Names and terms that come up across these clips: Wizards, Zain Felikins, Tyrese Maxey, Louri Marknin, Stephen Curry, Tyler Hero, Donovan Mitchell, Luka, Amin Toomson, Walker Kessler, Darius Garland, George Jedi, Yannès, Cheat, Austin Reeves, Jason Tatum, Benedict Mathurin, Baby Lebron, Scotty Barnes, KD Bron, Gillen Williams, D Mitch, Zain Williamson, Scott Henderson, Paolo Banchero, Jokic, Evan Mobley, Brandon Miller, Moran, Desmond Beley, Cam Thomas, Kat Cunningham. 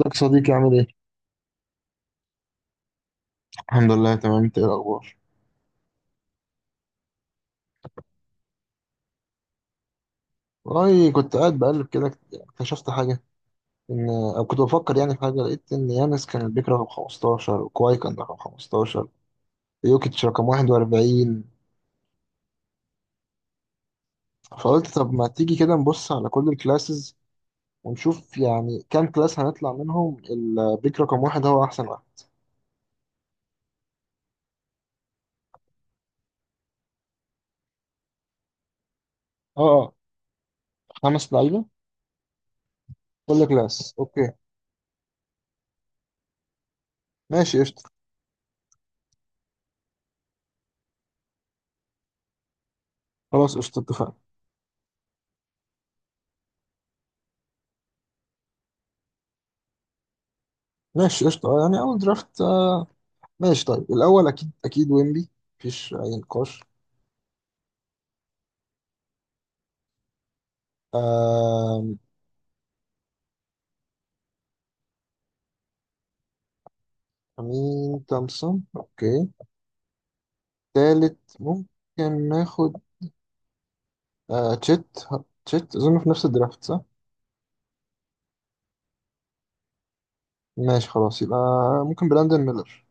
ازيك يا صديقي عامل ايه؟ الحمد لله تمام انت ايه الاخبار. والله كنت قاعد بقلب كده اكتشفت حاجة إن أو كنت بفكر يعني في حاجة لقيت إن يانس كان البيك رقم 15، وكواي كان رقم 15، يوكيتش رقم 41. فقلت طب ما تيجي كده نبص على كل الكلاسز ونشوف يعني كام كلاس هنطلع منهم البيك رقم واحد هو أحسن واحد. اه، خمس لعيبة كل كلاس. اوكي ماشي قشطة، خلاص قشطة اتفقنا. ماشي قشطة، اه يعني أول درافت. ماشي طيب الأول أكيد أكيد ويمبي، مفيش أي نقاش. آم، أمين تومسون أوكي. تالت ممكن ناخد تشيت. تشيت أظن في نفس الدرافت صح؟ ماشي خلاص يبقى ممكن براندن ميلر.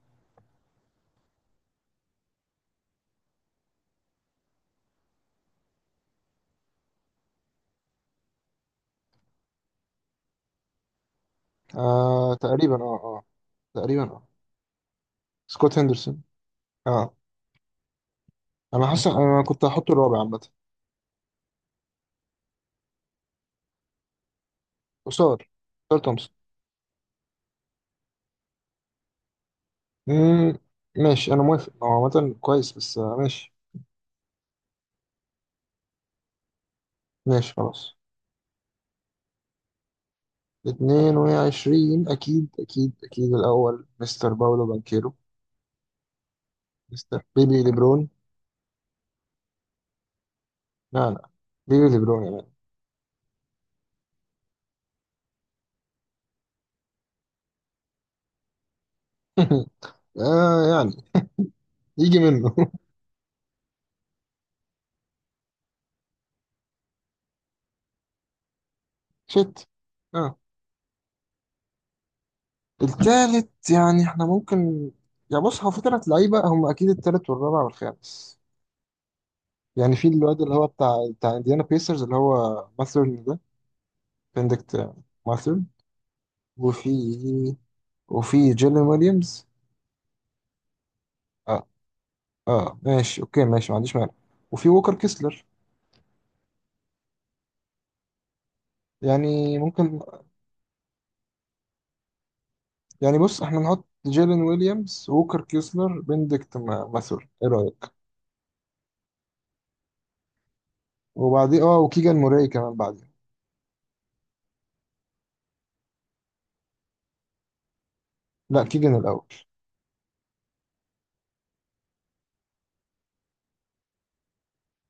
آه تقريبا اه. تقريبا اه. سكوت هندرسون. اه، أنا حاسس أنا كنت هحطه الرابع عامة. قصار، قصار تومسون. مم، ماشي أنا موافق، هو عامة كويس، بس آه ماشي. ماشي خلاص. 22 أكيد أكيد أكيد الأول مستر باولو بانكيرو. مستر بيبي ليبرون. لا لا، بيبي ليبرون يا مان. آه يعني، يجي منه. شت، آه. التالت يعني إحنا ممكن، يا بص هو في تلات لعيبة هم أكيد التالت والرابع والخامس. يعني في الواد اللي هو بتاع إنديانا بيسرز اللي هو ماثرن ده. بندكت ماثرن. وفي وفي جيلين ويليامز. آه آه ماشي أوكي ماشي، ما عنديش مانع. وفي ووكر كيسلر يعني ممكن. يعني بص احنا نحط جيلين ويليامز، ووكر كيسلر، بندكت ماثور، ايه رأيك؟ وبعدين اه، وكيجان موراي كمان بعدين. لا، كيجان الأول.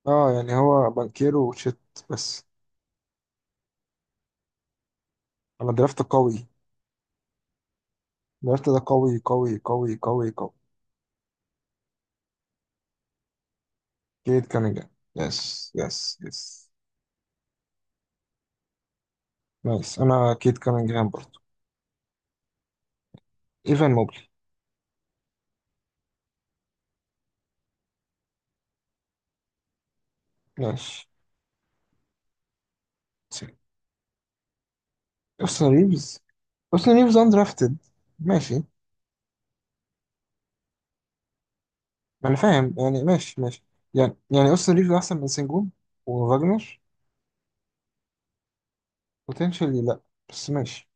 اه يعني هو بانكيرو وشيت بس. انا درافت قوي، درافت ده قوي قوي قوي قوي قوي. كيت كانينجهام. يس يس يس. نايس، انا كيت كانينجهام برضه. ايفان موبلي. ماشي. اوستن ريفز. اوستن ريفز اندرافتد. ماشي. ما انا فاهم يعني، ماشي ماشي. يعني اصلا ريفيو احسن من سنجون وفاجنر بوتنشالي، لا بس ماشي.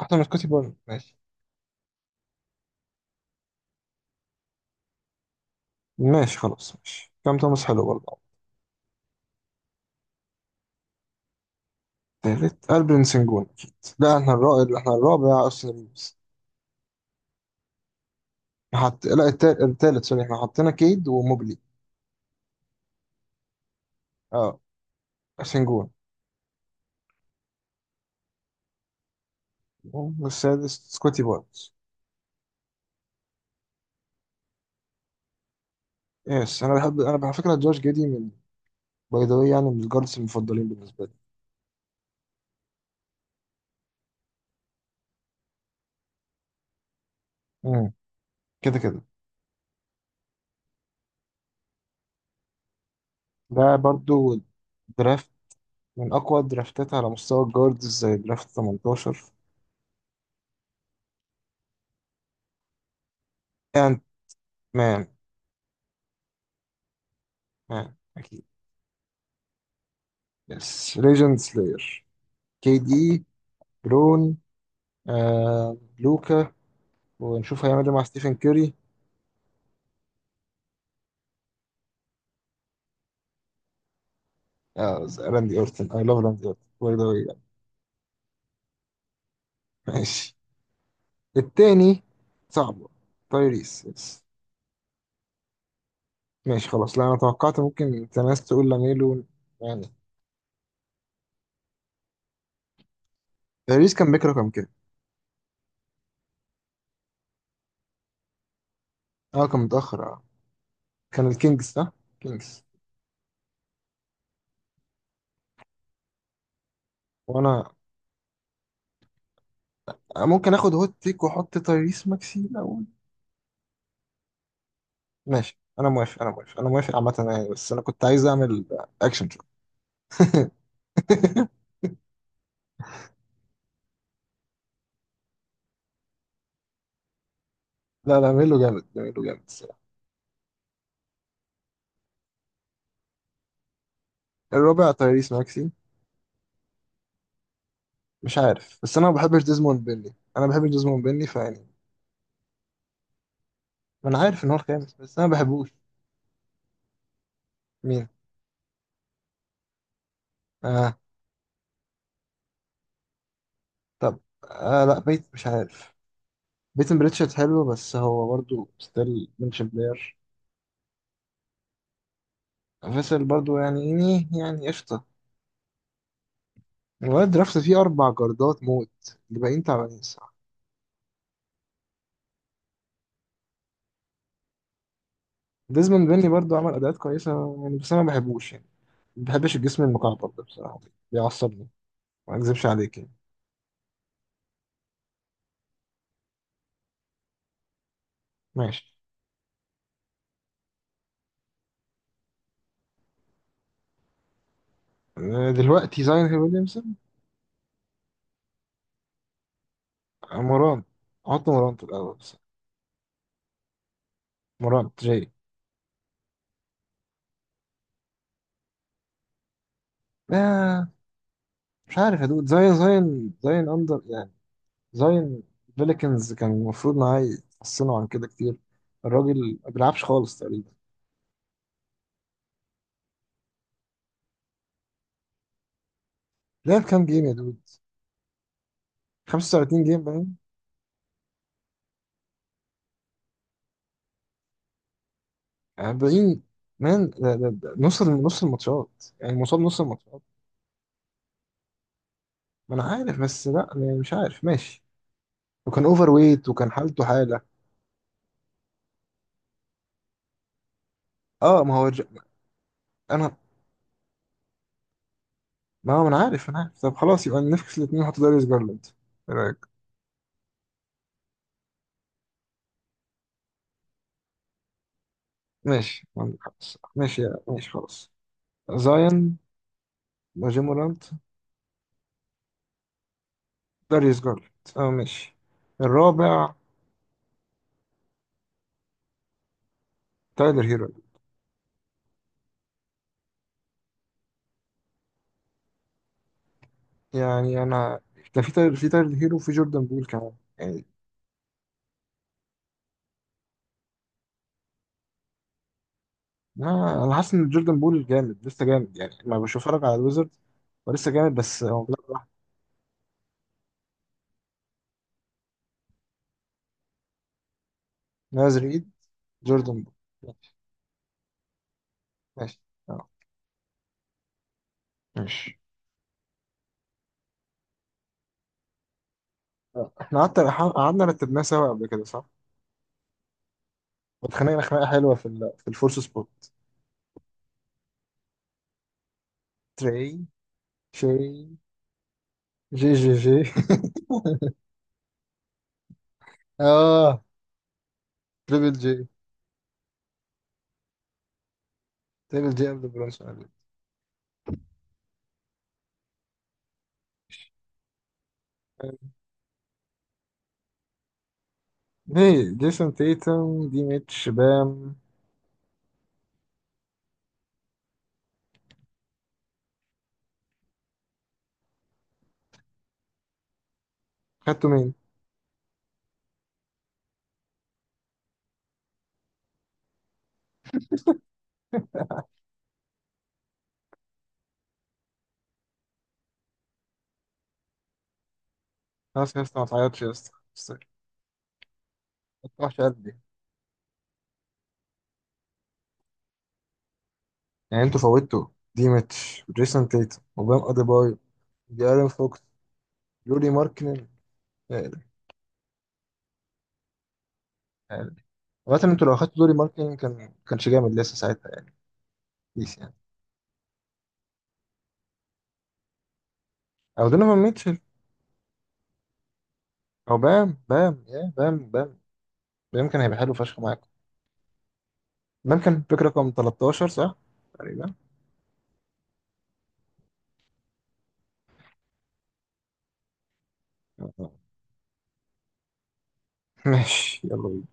احسن من سكوتي بارن، ماشي. ماشي خلاص ماشي، كام توماس حلو برضه. تالت البن سنجون اكيد. لا احنا الرابع، احنا الرابع اصلا ريفيوز. لا التالت، التالت سوري، احنا حطينا كيد وموبلي. اه، سنجون. والسادس سكوتي بارنز. يس انا بحب، انا على فكره جورج جيدي من، باي ذا واي، يعني من الجاردز المفضلين بالنسبه لي. مم. كده كده. ده برضو درافت، من أقوى الدرافتات على مستوى الجاردز زي درافت 18. أنت مان، مان أكيد. يس ليجند سلاير، كي دي، برون، آه لوكا، ونشوف هيعمل إيه مع ستيفن كيري. آه راندي أورتن، أي لاف راندي أورتن باي ذا واي. ماشي. التاني صعبة. تايريس يس. ماشي خلاص، لا أنا توقعت ممكن أنت ناس تقول لاميلو يعني. تايريس كان بيكره كام كده. أه كان متأخر أه. كان الكينجز صح؟ كينجز. وأنا، أنا ممكن اخد هوت تيك واحط تايريس ماكسي الاول. ماشي انا موافق انا موافق انا موافق عامه يعني، بس انا كنت عايز اعمل اكشن شو. لا، لا ميلو جامد، ميلو جامد الصراحه. الرابع تايريس ماكسي. مش عارف بس انا ما بحبش ديزموند بيلي، انا بحب ديزموند بيلي فيعني. ما انا عارف ان هو الخامس بس انا ما بحبوش. مين؟ اه. طب آه لا بيت مش عارف، بيتن بريتشارد حلو بس هو برضه ستيل منشن بلاير. فيصل برضه يعني يعني قشطه. الواد درافت فيه اربع جاردات موت، الباقيين تعبانين. ديزموند بيني برضو عمل اداءات كويسه يعني، بس انا ما بحبوش يعني. ما بحبش الجسم المكعب ده بصراحه، بيعصبني، ما اكذبش عليك يعني. ماشي. آه، دلوقتي زاين ويليامسون. آه، موران. احط موران في الاول بس. موران جاي. آه مش عارف يا دود، زاين زاين اندر يعني. زاين، فيليكنز كان المفروض معاه يحسنوا عن كده كتير، الراجل ما بيلعبش خالص تقريبا. لعب كام جيم يا دود، 35 جيم باين. 40، مان ده ده نص نص الماتشات يعني، مصاب نص الماتشات. ما انا عارف بس لا يعني، مش عارف ماشي. وكان اوفر ويت وكان حالته حاله. اه ما هو انا، ما هو انا عارف انا عارف، طب خلاص يبقى نفكس الاثنين وحط داريوس جارلاند، ايه رايك؟ ماشي عندك حق الصراحة. ماشي ماشي خلاص. زاين وجيم مورانت. داريوس جارلاند اه ماشي. الرابع تايلر هيرو. يعني انا كان في تايلر في تايلر هيرو وفي جوردن بول كمان يعني. ما انا حاسس ان جوردن بول جامد، لسه جامد يعني، ما بشوف اتفرج على الويزرد، ولسه جامد بس هو بيلعب لوحده. نازل ايد. جوردن بول. ماشي اه ماشي. آه، احنا قعدت، قعدنا رتبناه سوا قبل كده صح؟ واتخانقنا خناقة حلوة في الفورس سبوت. تري. شي. جي جي جي. اه تريبل جي. تريبل جي قبل برونسون، قبل. ليه جيسون تيتم دي ميتش بام؟ خدتوا مين؟ خلاص يا اسطى ما تعيطش يا اسطى بس ما تقطعش قلبي. يعني انتوا فوتوا دي ميتش وجيسون تيتم وبام أديبايو، جارين فوكس، لوري ماركنن. آه. آه. لغاية ان انتوا لو اخدتوا لوري ماركنن كان كانش جامد لسه ساعتها يعني. بيس يعني. او دونوفان ميتشل. او بام بام، يا بام بام، بام كان هيبقى حلو فشخ معاكم. بام كان بيك رقم 13 صح. تقريبا. آه. ماشي يلا بينا.